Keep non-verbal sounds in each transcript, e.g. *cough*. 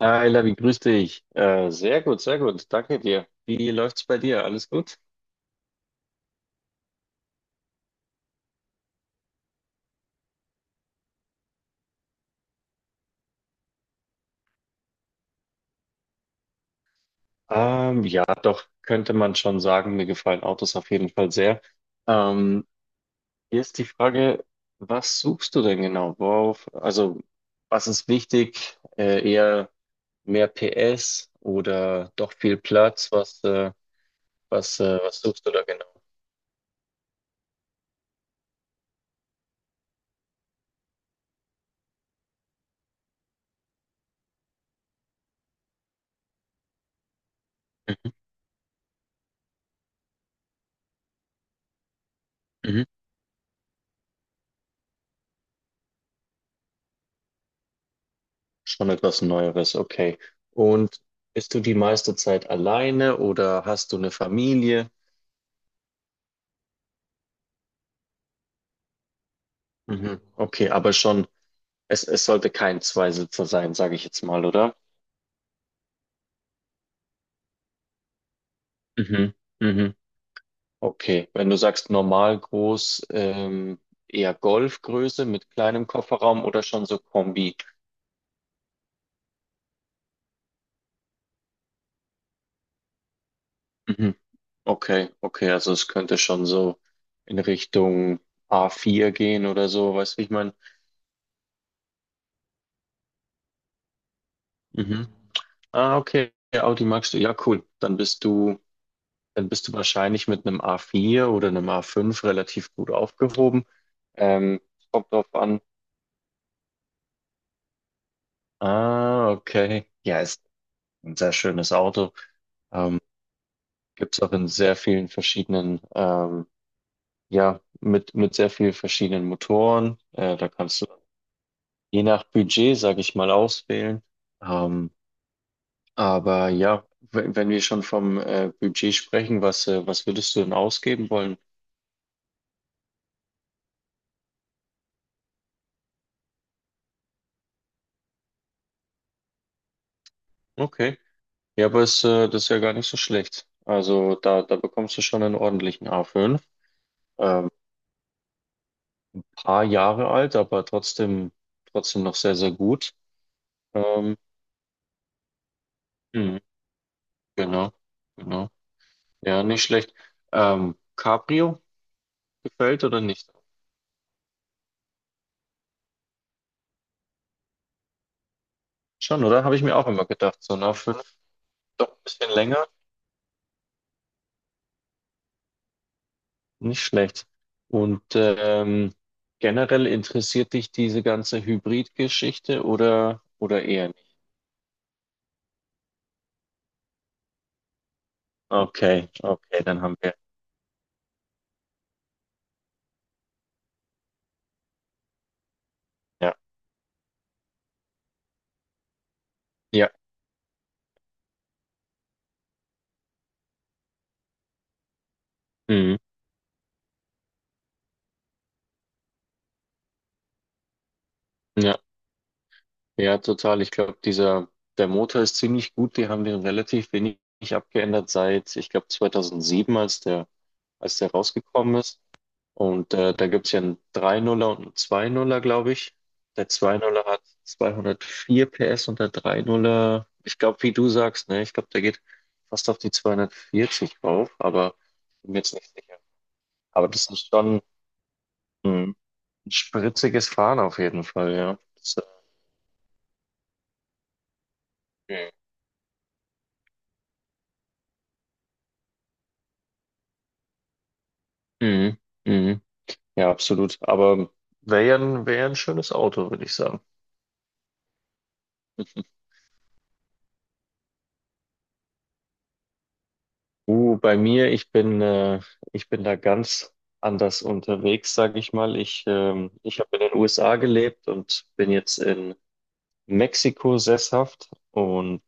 Hi, Lavi, grüß dich. Sehr gut, sehr gut. Danke dir. Wie läuft's bei dir? Alles gut? Ja, doch, könnte man schon sagen, mir gefallen Autos auf jeden Fall sehr. Ähm, Hier ist die Frage, was suchst du denn genau? Worauf, also, was ist wichtig? Eher mehr PS oder doch viel Platz? Was suchst du da genau? Mhm. Schon etwas Neueres, okay. Und bist du die meiste Zeit alleine oder hast du eine Familie? Mhm. Okay, aber schon, es sollte kein Zweisitzer sein, sage ich jetzt mal, oder? Mhm. Mhm. Okay, wenn du sagst normal groß, eher Golfgröße mit kleinem Kofferraum oder schon so Kombi? Mhm. Okay, okay, also es könnte schon so in Richtung a vier gehen oder so, weißt du, wie ich meine? Mhm. Ah, okay, Audi magst du, ja, cool. Dann bist du wahrscheinlich mit einem A4 oder einem A5 relativ gut aufgehoben. Ähm, Kommt drauf an. Ah, okay. Ja, ist ein sehr schönes Auto. Ähm, Gibt es auch in sehr vielen verschiedenen, ja, mit sehr vielen verschiedenen Motoren. Da kannst du je nach Budget, sage ich mal, auswählen. Ähm, aber ja, wenn wir schon vom Budget sprechen, was würdest du denn ausgeben wollen? Okay. Ja, aber das ist ja gar nicht so schlecht. Also da bekommst du schon einen ordentlichen A5. Ähm, Paar Jahre alt, aber trotzdem, trotzdem noch sehr, sehr gut. Ähm, mhm, genau, genau. Ja, nicht schlecht. Cabrio gefällt oder nicht? Schon, oder? Habe ich mir auch immer gedacht. So ein A5, doch ein bisschen länger, nicht schlecht. Und generell interessiert dich diese ganze Hybrid-Geschichte oder eher nicht? Okay, okay, dann haben wir. Ja, Ja. Mhm. Ja, ja, total. Ich glaube, der Motor ist ziemlich gut. Die haben den relativ wenig abgeändert seit, ich glaube, 2007, als der rausgekommen ist. Und da gibt's ja einen drei Nuller und einen zwei Nuller, glaube ich. Der zwei Nuller er hat 204 PS und der drei Nuller, ich glaube, wie du sagst, ne, ich glaube, der geht fast auf die 240 rauf, aber bin mir jetzt nicht sicher. Aber das ist schon mh, ein spritziges Fahren auf jeden Fall, ja. Äh, Mhm. Mhm. Ja, absolut. Aber wäre ja ein schönes Auto, würde ich sagen. Bei mir, ich bin da ganz anders unterwegs, sage ich mal. Ich habe in den USA gelebt und bin jetzt in Mexiko sesshaft, und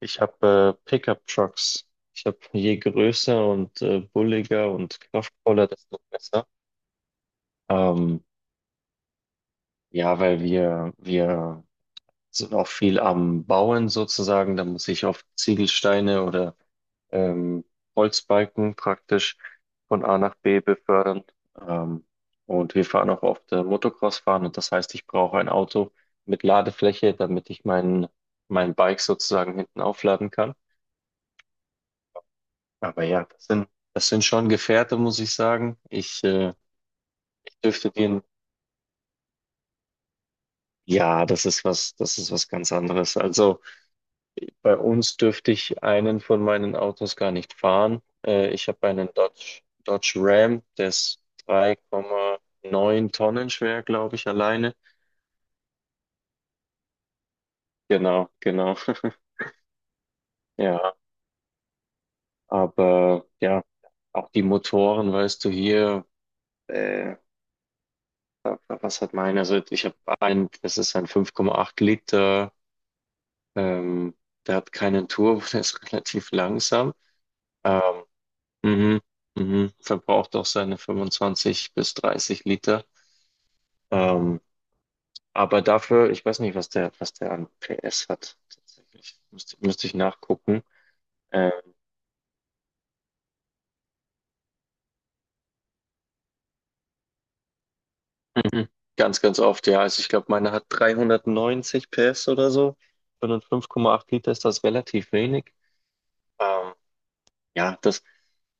ich habe Pickup-Trucks. Ich habe, je größer und bulliger und kraftvoller, desto besser. Ähm, ja, weil wir sind auch viel am Bauen sozusagen. Da muss ich auf Ziegelsteine oder ähm, Holzbalken praktisch von A nach B befördern. Ähm, und wir fahren auch oft Motocross fahren, und das heißt, ich brauche ein Auto mit Ladefläche, damit ich mein Bike sozusagen hinten aufladen kann. Aber ja, das sind schon Gefährte, muss ich sagen. Ich dürfte dir, ja, das ist was ganz anderes. Also, bei uns dürfte ich einen von meinen Autos gar nicht fahren. Ich habe einen Dodge Ram, der ist 3,9 Tonnen schwer, glaube ich, alleine. Genau, genau. *laughs* Ja, aber ja, auch die Motoren, weißt du, hier, äh, was hat meiner? Also das ist ein 5,8 Liter, ähm, der hat keinen Turbo, *laughs* der ist relativ langsam. Ähm, mhm, mhm, verbraucht auch seine 25 bis 30 Liter. Ähm, aber dafür, ich weiß nicht, was der an PS hat. Tatsächlich. Müsste ich nachgucken. Ähm, mhm. Ganz, ganz oft, ja. Also ich glaube, meine hat 390 PS oder so. Für einen 5,8 Liter ist das relativ wenig. Ähm, ja, das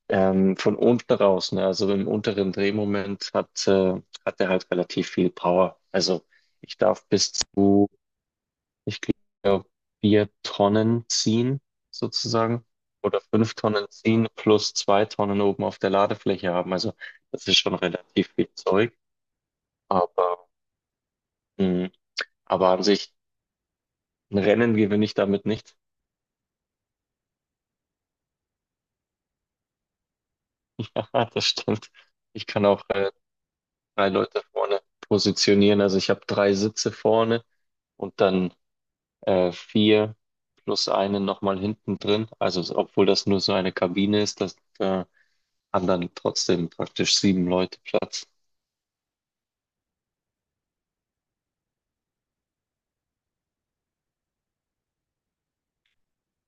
von unten raus, ne? Also im unteren Drehmoment hat er halt relativ viel Power. Also ich darf bis zu, ich glaube, 4 Tonnen ziehen sozusagen oder 5 Tonnen ziehen plus 2 Tonnen oben auf der Ladefläche haben. Also das ist schon relativ viel Zeug, aber, mh, aber an sich ein Rennen gewinne ich damit nicht. *laughs* Ja, das stimmt. Ich kann auch drei Leute vorne positionieren. Also ich habe drei Sitze vorne und dann vier plus einen nochmal hinten drin. Also obwohl das nur so eine Kabine ist, das haben dann trotzdem praktisch sieben Leute Platz.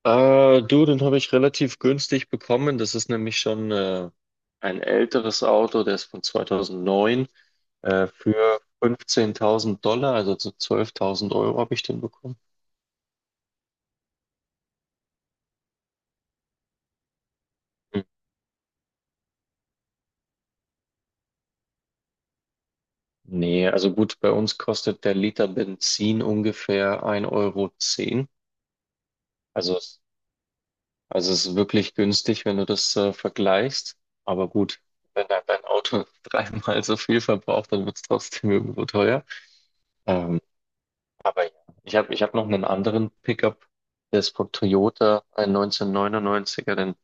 Du, den habe ich relativ günstig bekommen. Das ist nämlich schon ein älteres Auto, der ist von 2009, für 15.000 Dollar, also zu 12.000 € habe ich den bekommen. Hm. Nee, also gut, bei uns kostet der Liter Benzin ungefähr ein Euro zehn. Also, also es ist wirklich günstig, wenn du das vergleichst. Aber gut, wenn dein Auto *laughs* dreimal so viel verbraucht, dann wird es trotzdem irgendwo teuer. Ähm, aber ja, ich hab noch einen anderen Pickup, der ist von Toyota, ein 1999er, denn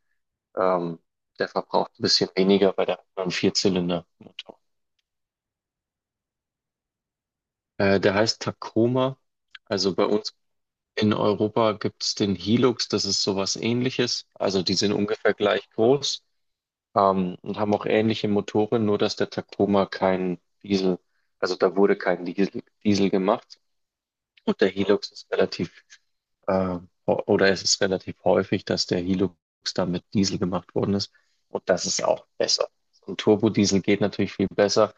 ähm, der verbraucht ein bisschen weniger bei der anderen Vierzylinder-Motor. Der heißt Tacoma. Also bei uns in Europa gibt es den Hilux, das ist sowas ähnliches. Also die sind ungefähr gleich groß, und haben auch ähnliche Motoren, nur dass der Tacoma kein Diesel, also da wurde kein Diesel gemacht. Gut, der Hilux ist äh, oder es ist relativ häufig, dass der Hilux da mit Diesel gemacht worden ist. Und das ist auch besser. So ein Turbodiesel geht natürlich viel besser.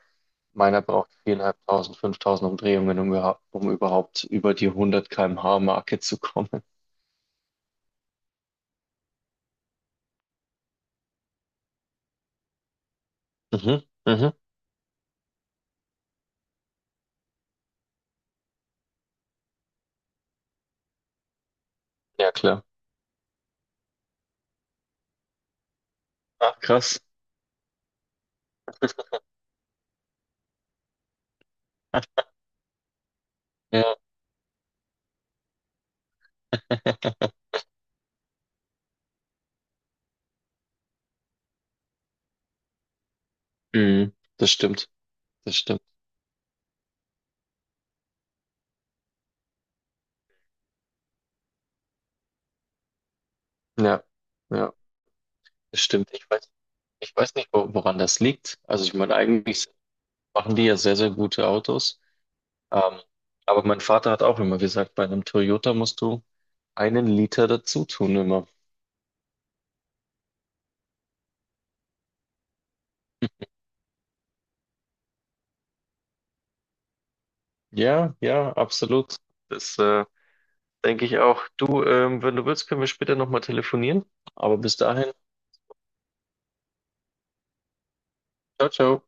Meiner braucht 4.500, 5.000 Umdrehungen, um überhaupt über die 100 km/h Marke zu kommen. Mhm, mhm. Ja, klar. Ach, krass. Ja. *laughs* Mhm. Das stimmt. Das stimmt. Ja, ja, das stimmt. Ich weiß nicht, woran das liegt. Also ich meine, eigentlich machen die ja sehr, sehr gute Autos. Ähm, aber mein Vater hat auch immer gesagt, bei einem Toyota musst du einen Liter dazu tun immer. Ja, ja, absolut. Das denke ich auch. Du, wenn du willst, können wir später nochmal telefonieren. Aber bis dahin, ciao, ciao.